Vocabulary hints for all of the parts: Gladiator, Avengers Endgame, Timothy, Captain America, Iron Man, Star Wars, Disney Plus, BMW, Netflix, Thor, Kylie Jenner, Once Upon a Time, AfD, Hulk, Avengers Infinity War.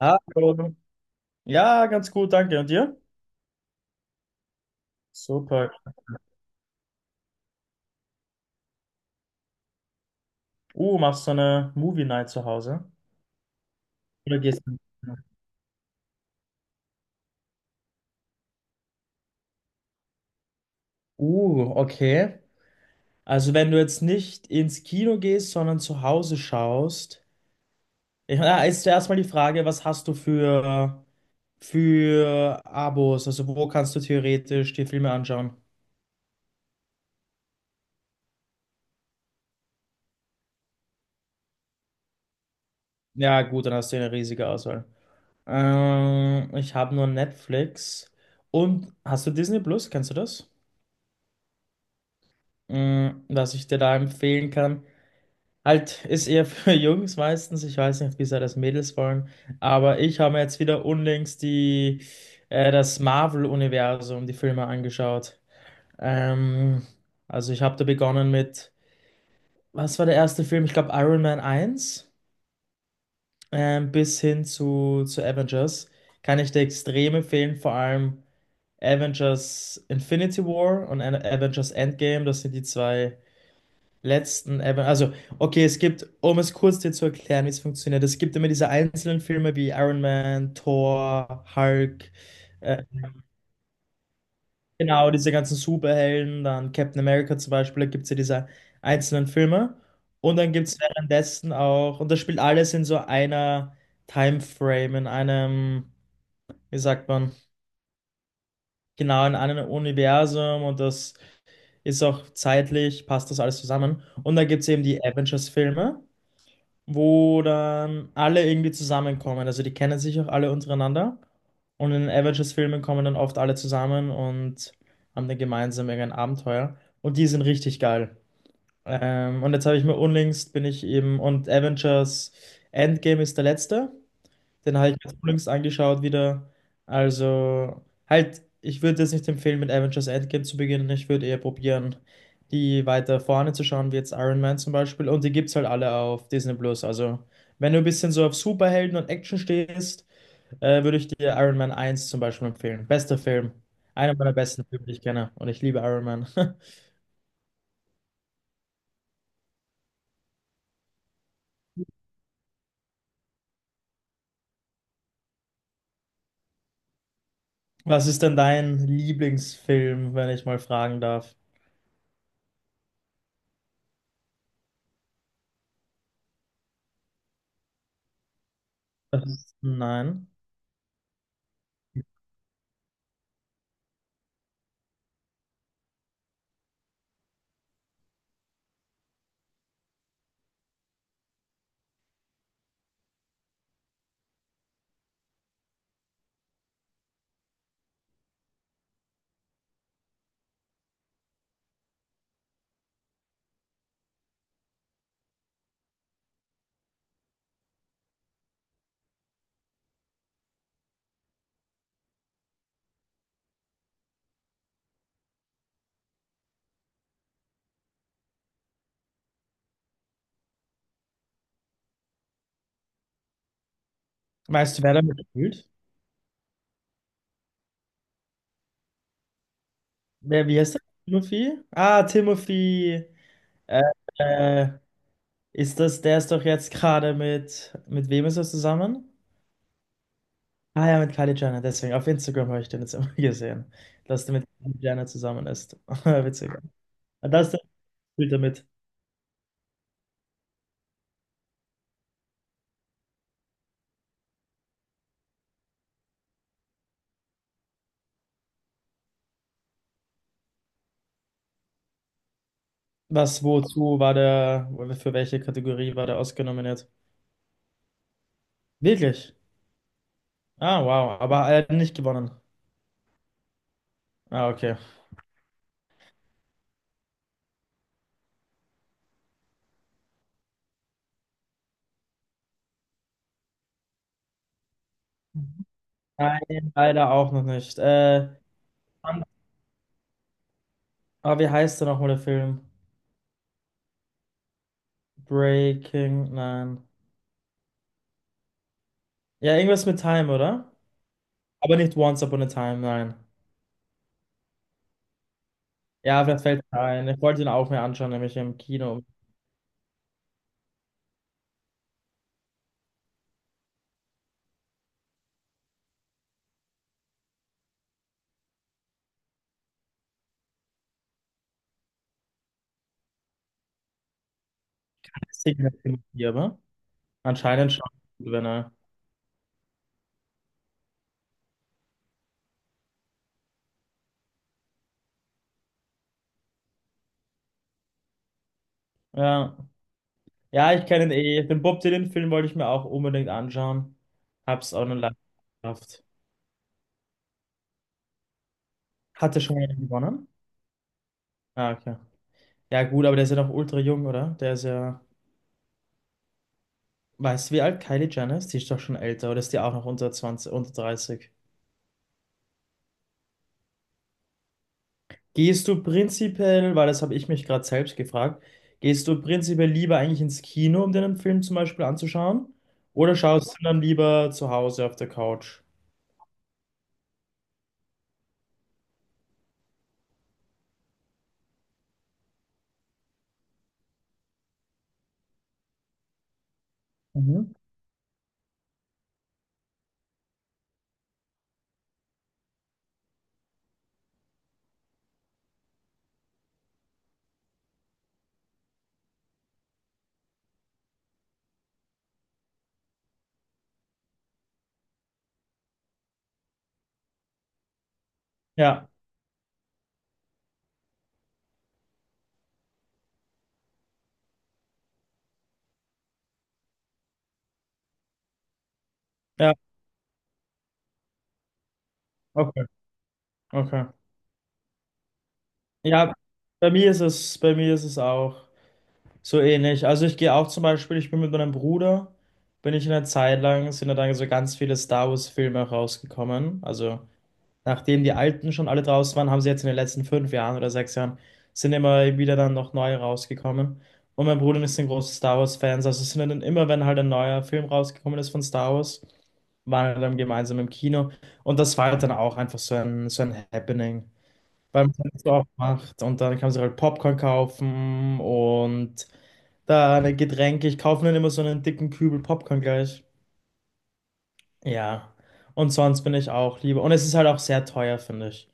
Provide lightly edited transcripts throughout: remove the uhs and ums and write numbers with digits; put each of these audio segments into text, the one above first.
Hallo. Ja, ganz gut, danke. Und dir? Super. Machst du eine Movie Night zu Hause? Oder gehst du? Okay. Also wenn du jetzt nicht ins Kino gehst, sondern zu Hause schaust, ich, na, ist zuerst mal die Frage, was hast du für Abos? Also wo kannst du theoretisch die Filme anschauen? Ja, gut, dann hast du eine riesige Auswahl. Ich habe nur Netflix. Und hast du Disney Plus? Kennst du das? Mm, was ich dir da empfehlen kann. Halt, ist eher für Jungs meistens. Ich weiß nicht, wie sehr das Mädels wollen. Aber ich habe mir jetzt wieder unlängst das Marvel-Universum, die Filme angeschaut. Ähm, also ich habe da begonnen mit, was war der erste Film? Ich glaube Iron Man eins, bis hin zu Avengers. Kann ich dir extrem empfehlen, vor allem Avengers Infinity War und Avengers Endgame. Das sind die zwei letzten Evan. Also, okay, es gibt, um es kurz dir zu erklären, wie es funktioniert, es gibt immer diese einzelnen Filme wie Iron Man, Thor, Hulk, äh, genau, diese ganzen Superhelden, dann Captain America zum Beispiel, da gibt es ja diese einzelnen Filme. Und dann gibt es währenddessen auch, und das spielt alles in so einer Timeframe, in einem, wie sagt man, genau, in einem Universum und das ist auch zeitlich, passt das alles zusammen. Und dann gibt es eben die Avengers-Filme, wo dann alle irgendwie zusammenkommen. Also die kennen sich auch alle untereinander. Und in den Avengers-Filmen kommen dann oft alle zusammen und haben dann gemeinsam irgendein Abenteuer. Und die sind richtig geil. Und jetzt habe ich mir unlängst bin ich eben, und Avengers Endgame ist der letzte. Den habe ich mir jetzt unlängst angeschaut wieder. Also, halt, ich würde jetzt nicht empfehlen, mit Avengers Endgame zu beginnen. Ich würde eher probieren, die weiter vorne zu schauen, wie jetzt Iron Man zum Beispiel. Und die gibt's halt alle auf Disney Plus. Also, wenn du ein bisschen so auf Superhelden und Action stehst, würde ich dir Iron Man eins zum Beispiel empfehlen. Bester Film. Einer meiner besten Filme, die ich kenne. Und ich liebe Iron Man. Was ist denn dein Lieblingsfilm, wenn ich mal fragen darf? Das ist, nein. Weißt du, wer damit spielt? Wer, wie heißt der? Timothy? Ah, Timothy. Äh, äh, Ist das, der ist doch jetzt gerade mit wem ist er zusammen? Ah ja, mit Kylie Jenner, deswegen. Auf Instagram habe ich den jetzt immer gesehen, dass der mit Kylie Jenner zusammen ist. Witzig. Da ist der Bild damit. Was, wozu war der, für welche Kategorie war der ausgenominiert? Wirklich? Ah, wow. Aber er hat nicht gewonnen. Ah, okay. Nein, leider auch noch nicht. Aber wie heißt der nochmal der Film? Breaking, nein. Ja, irgendwas mit Time, oder? Aber nicht Once Upon a Time, nein. Ja, vielleicht fällt mir ein. Ich wollte ihn auch mir anschauen, nämlich im Kino. Signature, aber anscheinend schon, wenn er. Ja. Ja, ich kenne ihn eh. Den Bob Dylan-Film wollte ich mir auch unbedingt anschauen. Hab's auch noch leider nicht geschafft. Hatte schon einen gewonnen? Ah, okay. Ja, gut, aber der ist ja noch ultra jung, oder? Der ist ja. Weißt du, wie alt Kylie Jenner ist? Die ist doch schon älter, oder ist die auch noch unter 20 unter dreißig? Gehst du prinzipiell, weil das habe ich mich gerade selbst gefragt, gehst du prinzipiell lieber eigentlich ins Kino, um dir einen Film zum Beispiel anzuschauen? Oder schaust du dann lieber zu Hause auf der Couch? Mhm. Ja, ja, okay, okay. Ja, bei mir ist es, bei mir ist es auch so ähnlich. Also ich gehe auch zum Beispiel, ich bin mit meinem Bruder, bin ich in einer Zeit lang, sind da dann so ganz viele Star Wars Filme rausgekommen. Also nachdem die alten schon alle draußen waren, haben sie jetzt in den letzten fünf Jahren oder sechs Jahren, sind immer wieder dann noch neue rausgekommen. Und mein Bruder ist ein großer Star Wars-Fan, also sind dann immer, wenn halt ein neuer Film rausgekommen ist von Star Wars, waren wir dann gemeinsam im Kino. Und das war halt dann auch einfach so so ein Happening, weil man es auch macht. Und dann kann man sich halt Popcorn kaufen und da eine Getränke. Ich kaufe mir dann immer so einen dicken Kübel Popcorn gleich. Ja. Und sonst bin ich auch lieber. Und es ist halt auch sehr teuer, finde ich.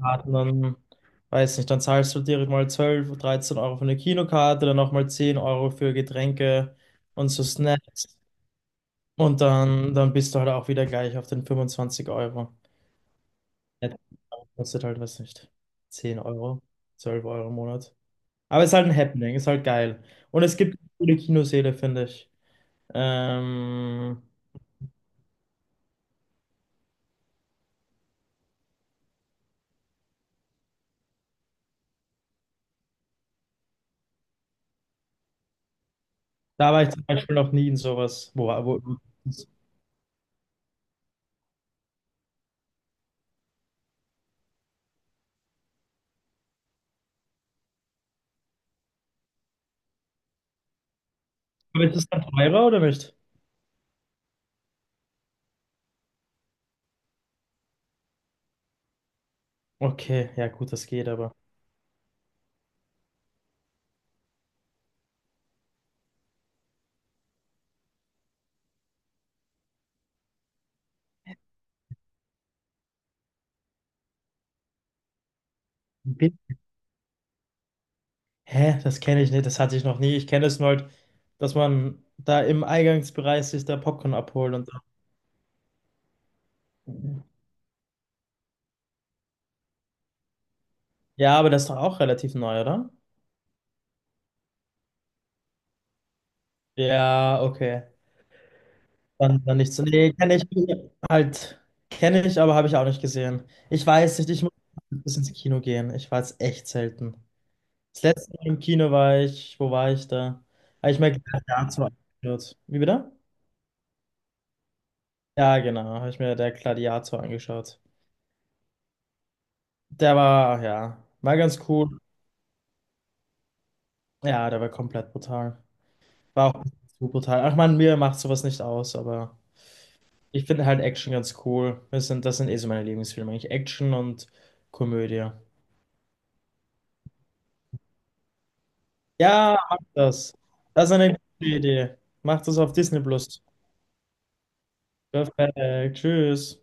Karten, weiß nicht, dann zahlst du direkt mal 12, 13 Euro für eine Kinokarte, dann nochmal 10 Euro für Getränke und so Snacks. Und dann bist du halt auch wieder gleich auf den 25 Euro. Ja, kostet halt, weiß nicht, 10 Euro, 12 Euro im Monat. Aber ist halt ein Happening, ist halt geil. Und es gibt coole Kinosäle, finde ich. Ähm, da war ich zum Beispiel noch nie in sowas. Wo, aber ist es dann teurer oder nicht? Okay, ja gut, das geht aber. Hä, das kenne ich nicht, das hatte ich noch nie. Ich kenne es nur halt, dass man da im Eingangsbereich sich da Popcorn abholt und dann. Ja, aber das ist doch auch relativ neu, oder? Ja, okay. Dann nicht so. Nee, kenne ich halt. Kenne ich, aber habe ich auch nicht gesehen. Ich weiß nicht, ich muss bis ins Kino gehen. Ich war jetzt echt selten. Das letzte Mal im Kino war ich, wo war ich da? Habe ich mir Gladiator angeschaut. Wie bitte? Ja, genau, habe ich mir der Gladiator angeschaut. Der war, ja, war ganz cool. Ja, der war komplett brutal. War auch zu brutal. Ach man, mir macht sowas nicht aus, aber ich finde halt Action ganz cool. Das sind eh so meine Lieblingsfilme, eigentlich Action und Komödie. Ja, mach das. Das ist eine gute Idee. Mach das auf Disney Plus. Perfekt. Tschüss.